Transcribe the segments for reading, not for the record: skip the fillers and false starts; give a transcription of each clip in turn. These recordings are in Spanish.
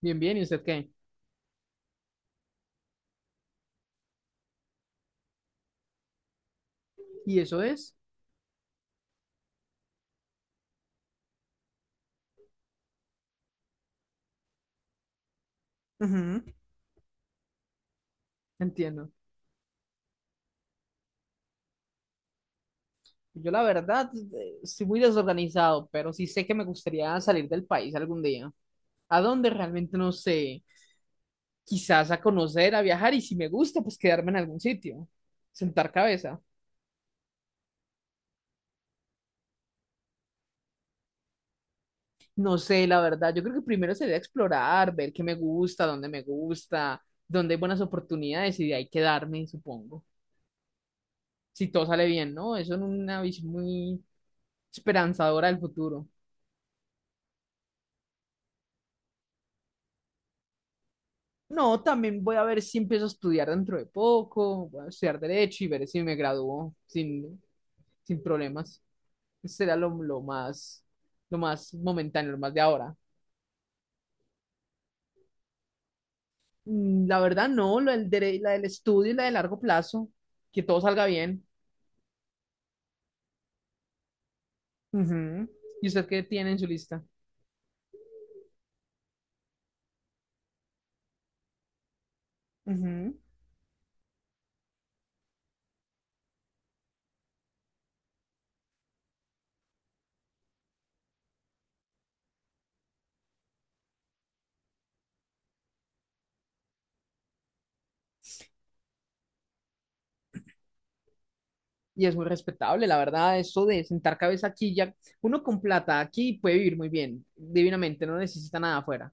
Bien, bien, ¿y usted qué? ¿Y eso es? Ujú. Entiendo. Yo la verdad estoy muy desorganizado, pero sí sé que me gustaría salir del país algún día. ¿A dónde? Realmente no sé. Quizás a conocer, a viajar y si me gusta, pues quedarme en algún sitio. Sentar cabeza. No sé, la verdad. Yo creo que primero sería explorar, ver qué me gusta, dónde hay buenas oportunidades y de ahí quedarme, supongo. Si todo sale bien, ¿no? Eso es una visión muy esperanzadora del futuro. No, también voy a ver si empiezo a estudiar dentro de poco, voy a estudiar derecho y ver si me gradúo sin problemas. Será lo más momentáneo, lo más de ahora. La verdad, no, lo del la del estudio y la de largo plazo, que todo salga bien. Ujú. ¿Y usted qué tiene en su lista? Ujú. Y es muy respetable, la verdad, eso de sentar cabeza aquí ya, uno con plata aquí puede vivir muy bien, divinamente, no necesita nada afuera.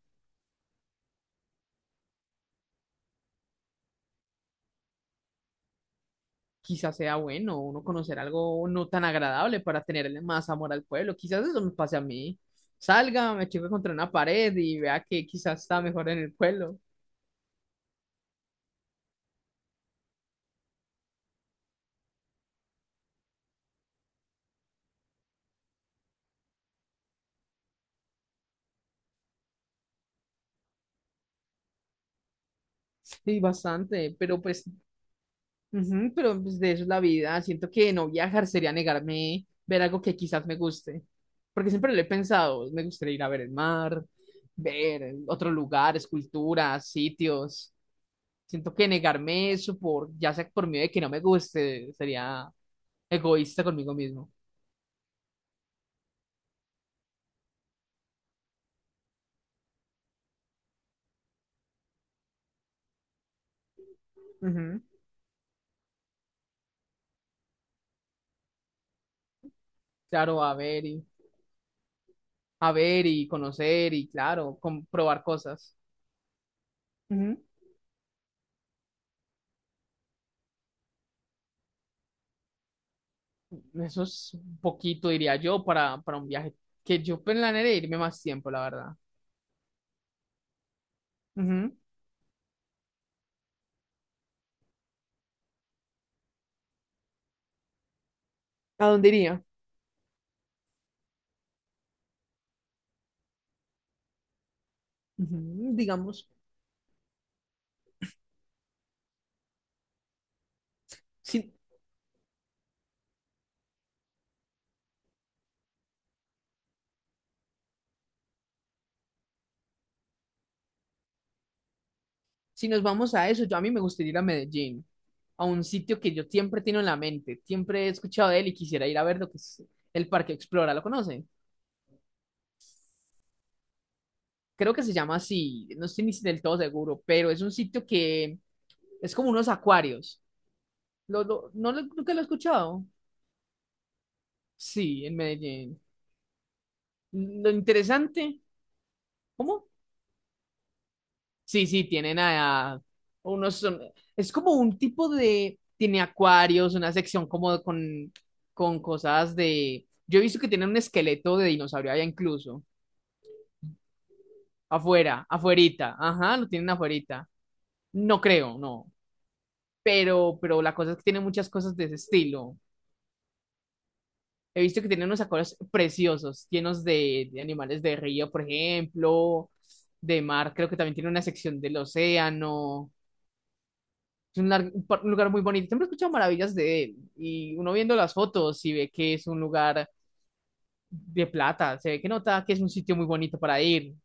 Quizás sea bueno uno conocer algo no tan agradable para tenerle más amor al pueblo. Quizás eso me pase a mí. Salga, me choque contra una pared y vea que quizás está mejor en el pueblo. Sí, bastante, pero pues, ujú, pero pues, de eso es la vida. Siento que no viajar sería negarme ver algo que quizás me guste. Porque siempre lo he pensado, me gustaría ir a ver el mar, ver otros lugares, culturas, sitios. Siento que negarme eso por, ya sea por miedo de que no me guste, sería egoísta conmigo mismo. Ujú, claro, a ver y conocer y claro, comprobar cosas. Ujú. Eso es un poquito, diría yo, para un viaje que yo planearé irme más tiempo, la verdad. Ujú. ¿A dónde iría? Ujú, digamos, si, si nos vamos a eso, yo a mí me gustaría ir a Medellín, a un sitio que yo siempre tengo en la mente, siempre he escuchado de él y quisiera ir a ver lo que es el Parque Explora, ¿lo conocen? Creo que se llama así, no estoy ni del todo seguro, pero es un sitio que es como unos acuarios. ¿No lo, nunca lo he escuchado? Sí, en Medellín. Lo interesante, ¿cómo? Sí, sí, tienen a unos, es como un tipo de, tiene acuarios, una sección como con cosas de, yo he visto que tienen un esqueleto de dinosaurio allá incluso, afuera, afuerita, ajá, lo tienen afuerita, no creo, no, pero la cosa es que tiene muchas cosas de ese estilo, he visto que tienen unos acuarios preciosos, llenos de animales de río, por ejemplo, de mar, creo que también tiene una sección del océano. Es un, un lugar muy bonito. Siempre he escuchado maravillas de él. Y uno viendo las fotos y ve que es un lugar de plata. Se ve que nota que es un sitio muy bonito para ir.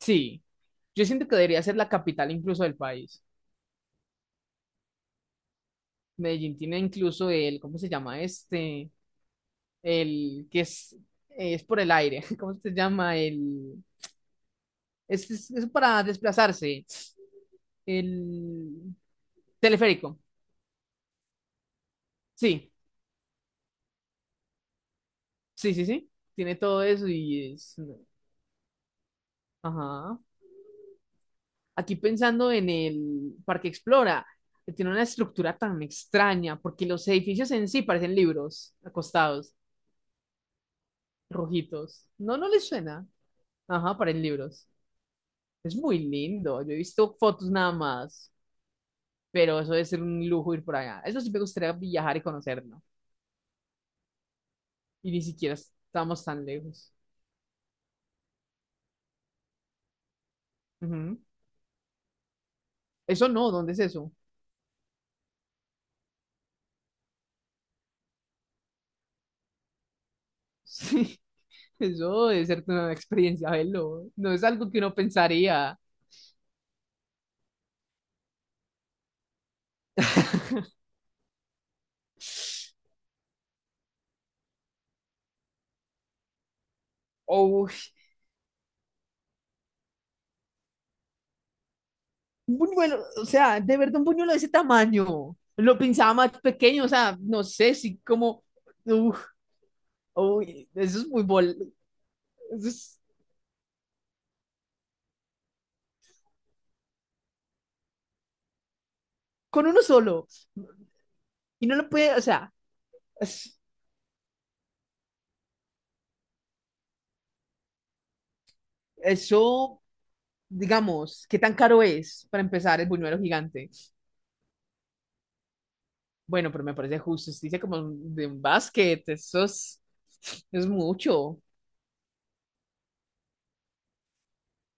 Sí. Yo siento que debería ser la capital incluso del país. Medellín tiene incluso el, ¿cómo se llama este? El que es por el aire. ¿Cómo se llama? Es para desplazarse. El teleférico. Sí, sí, sí, sí. Tiene todo eso y es... Ajá. Aquí pensando en el Parque Explora, que tiene una estructura tan extraña, porque los edificios en sí parecen libros acostados, rojitos. No, no les suena. Ajá, parecen libros. Es muy lindo. Yo he visto fotos nada más, pero eso debe ser un lujo ir por allá. Eso sí me gustaría viajar y conocerlo. Y ni siquiera estamos tan lejos. Ujú. Eso no, ¿dónde es eso? Sí, eso debe ser una experiencia, velo. No es algo que uno pensaría. O un buñuelo, o sea, de verdad un buñuelo de ese tamaño. Lo pensaba más pequeño, o sea, no sé si como, uf, uy, eso es muy bol, eso es con uno solo. Y no lo puede, o sea, es- eso, digamos, ¿qué tan caro es para empezar el buñuelo gigante? Bueno, pero me parece justo, dice como de un basket, eso es mucho.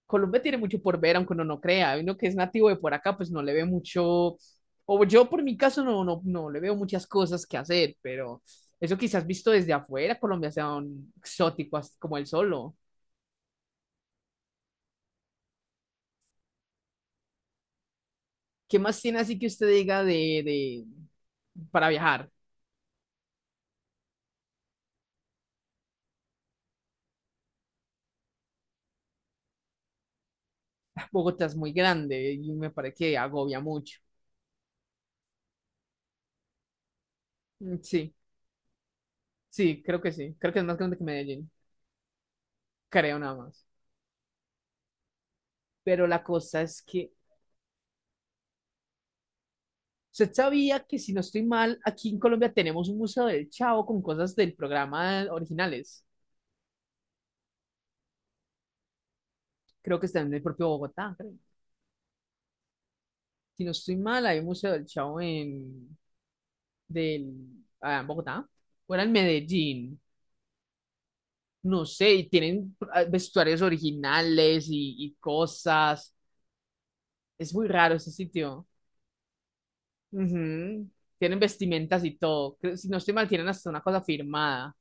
Colombia tiene mucho por ver, aunque uno no crea. Uno que es nativo de por acá, pues no le ve mucho, o yo por mi caso no, no, no le veo muchas cosas que hacer, pero eso quizás visto desde afuera, Colombia sea un exótico así como el solo. ¿Qué más tiene así que usted diga de para viajar? Bogotá es muy grande y me parece que agobia mucho. Mm, sí, sí. Creo que es más grande que Medellín. Creo nada más. Pero la cosa es que, usted sabía que, si no estoy mal, aquí en Colombia tenemos un museo del Chavo con cosas del programa originales. Creo que está en el propio Bogotá, creo. Si no estoy mal, hay un museo del Chavo del, en Bogotá. O era en Medellín. No sé, y tienen vestuarios originales y cosas. Es muy raro ese sitio. Ujú. Tienen vestimentas y todo. Si no estoy mal, tienen hasta una cosa firmada.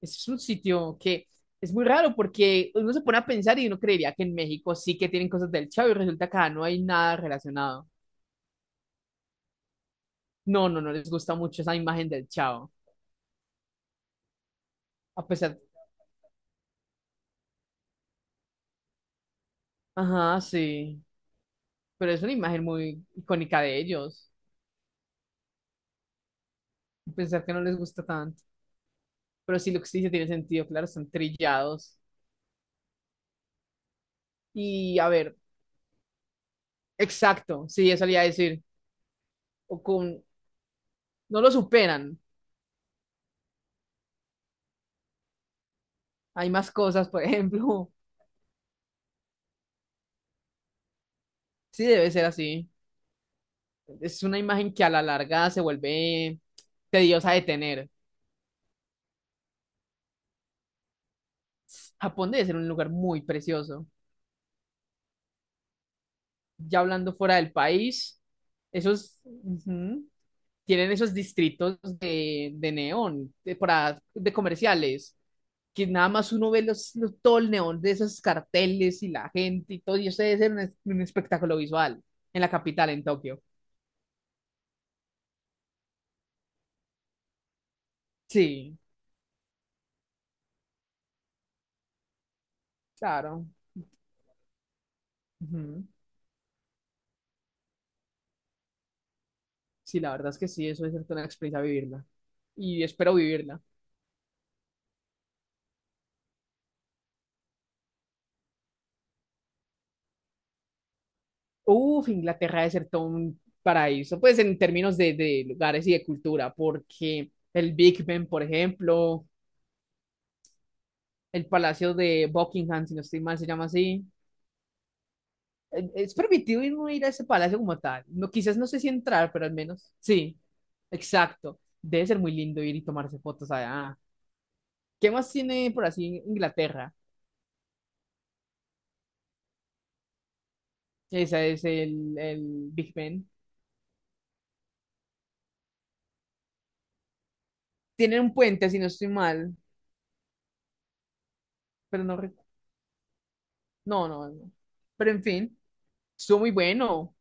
Es un sitio que es muy raro porque uno se pone a pensar y uno creería que en México sí que tienen cosas del Chavo y resulta que acá no hay nada relacionado. No, no, no les gusta mucho esa imagen del Chavo. A pesar, ajá, sí, pero es una imagen muy icónica de ellos. Pensar que no les gusta tanto. Pero sí, lo que sí dice tiene sentido, claro, están trillados. Y a ver, exacto, sí, eso le iba a decir. O con, no lo superan. Hay más cosas, por ejemplo. Sí, debe ser así. Es una imagen que a la larga se vuelve tediosa de tener. Japón debe ser un lugar muy precioso. Ya hablando fuera del país, esos ujú, tienen esos distritos de neón, de, para, de comerciales, que nada más uno ve todo el neón de esos carteles y la gente y todo, y eso debe ser un, un espectáculo visual en la capital, en Tokio. Sí, claro. Ujú. Sí, la verdad es que sí, eso es una experiencia vivirla. Y espero vivirla. Uf, Inglaterra debe ser todo un paraíso, pues en términos de lugares y de cultura, porque el Big Ben, por ejemplo, el Palacio de Buckingham, si no estoy mal, se llama así. Es permitido ir, no ir a ese palacio como tal. No, quizás no sé si entrar, pero al menos sí, exacto. Debe ser muy lindo ir y tomarse fotos allá. ¿Qué más tiene por así Inglaterra? Esa es el Big Ben. Tienen un puente, si no estoy mal, pero no, no, no, no. Pero en fin, estuvo muy bueno.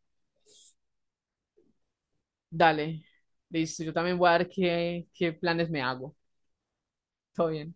Dale. Listo, yo también voy a ver qué, qué planes me hago. Todo bien.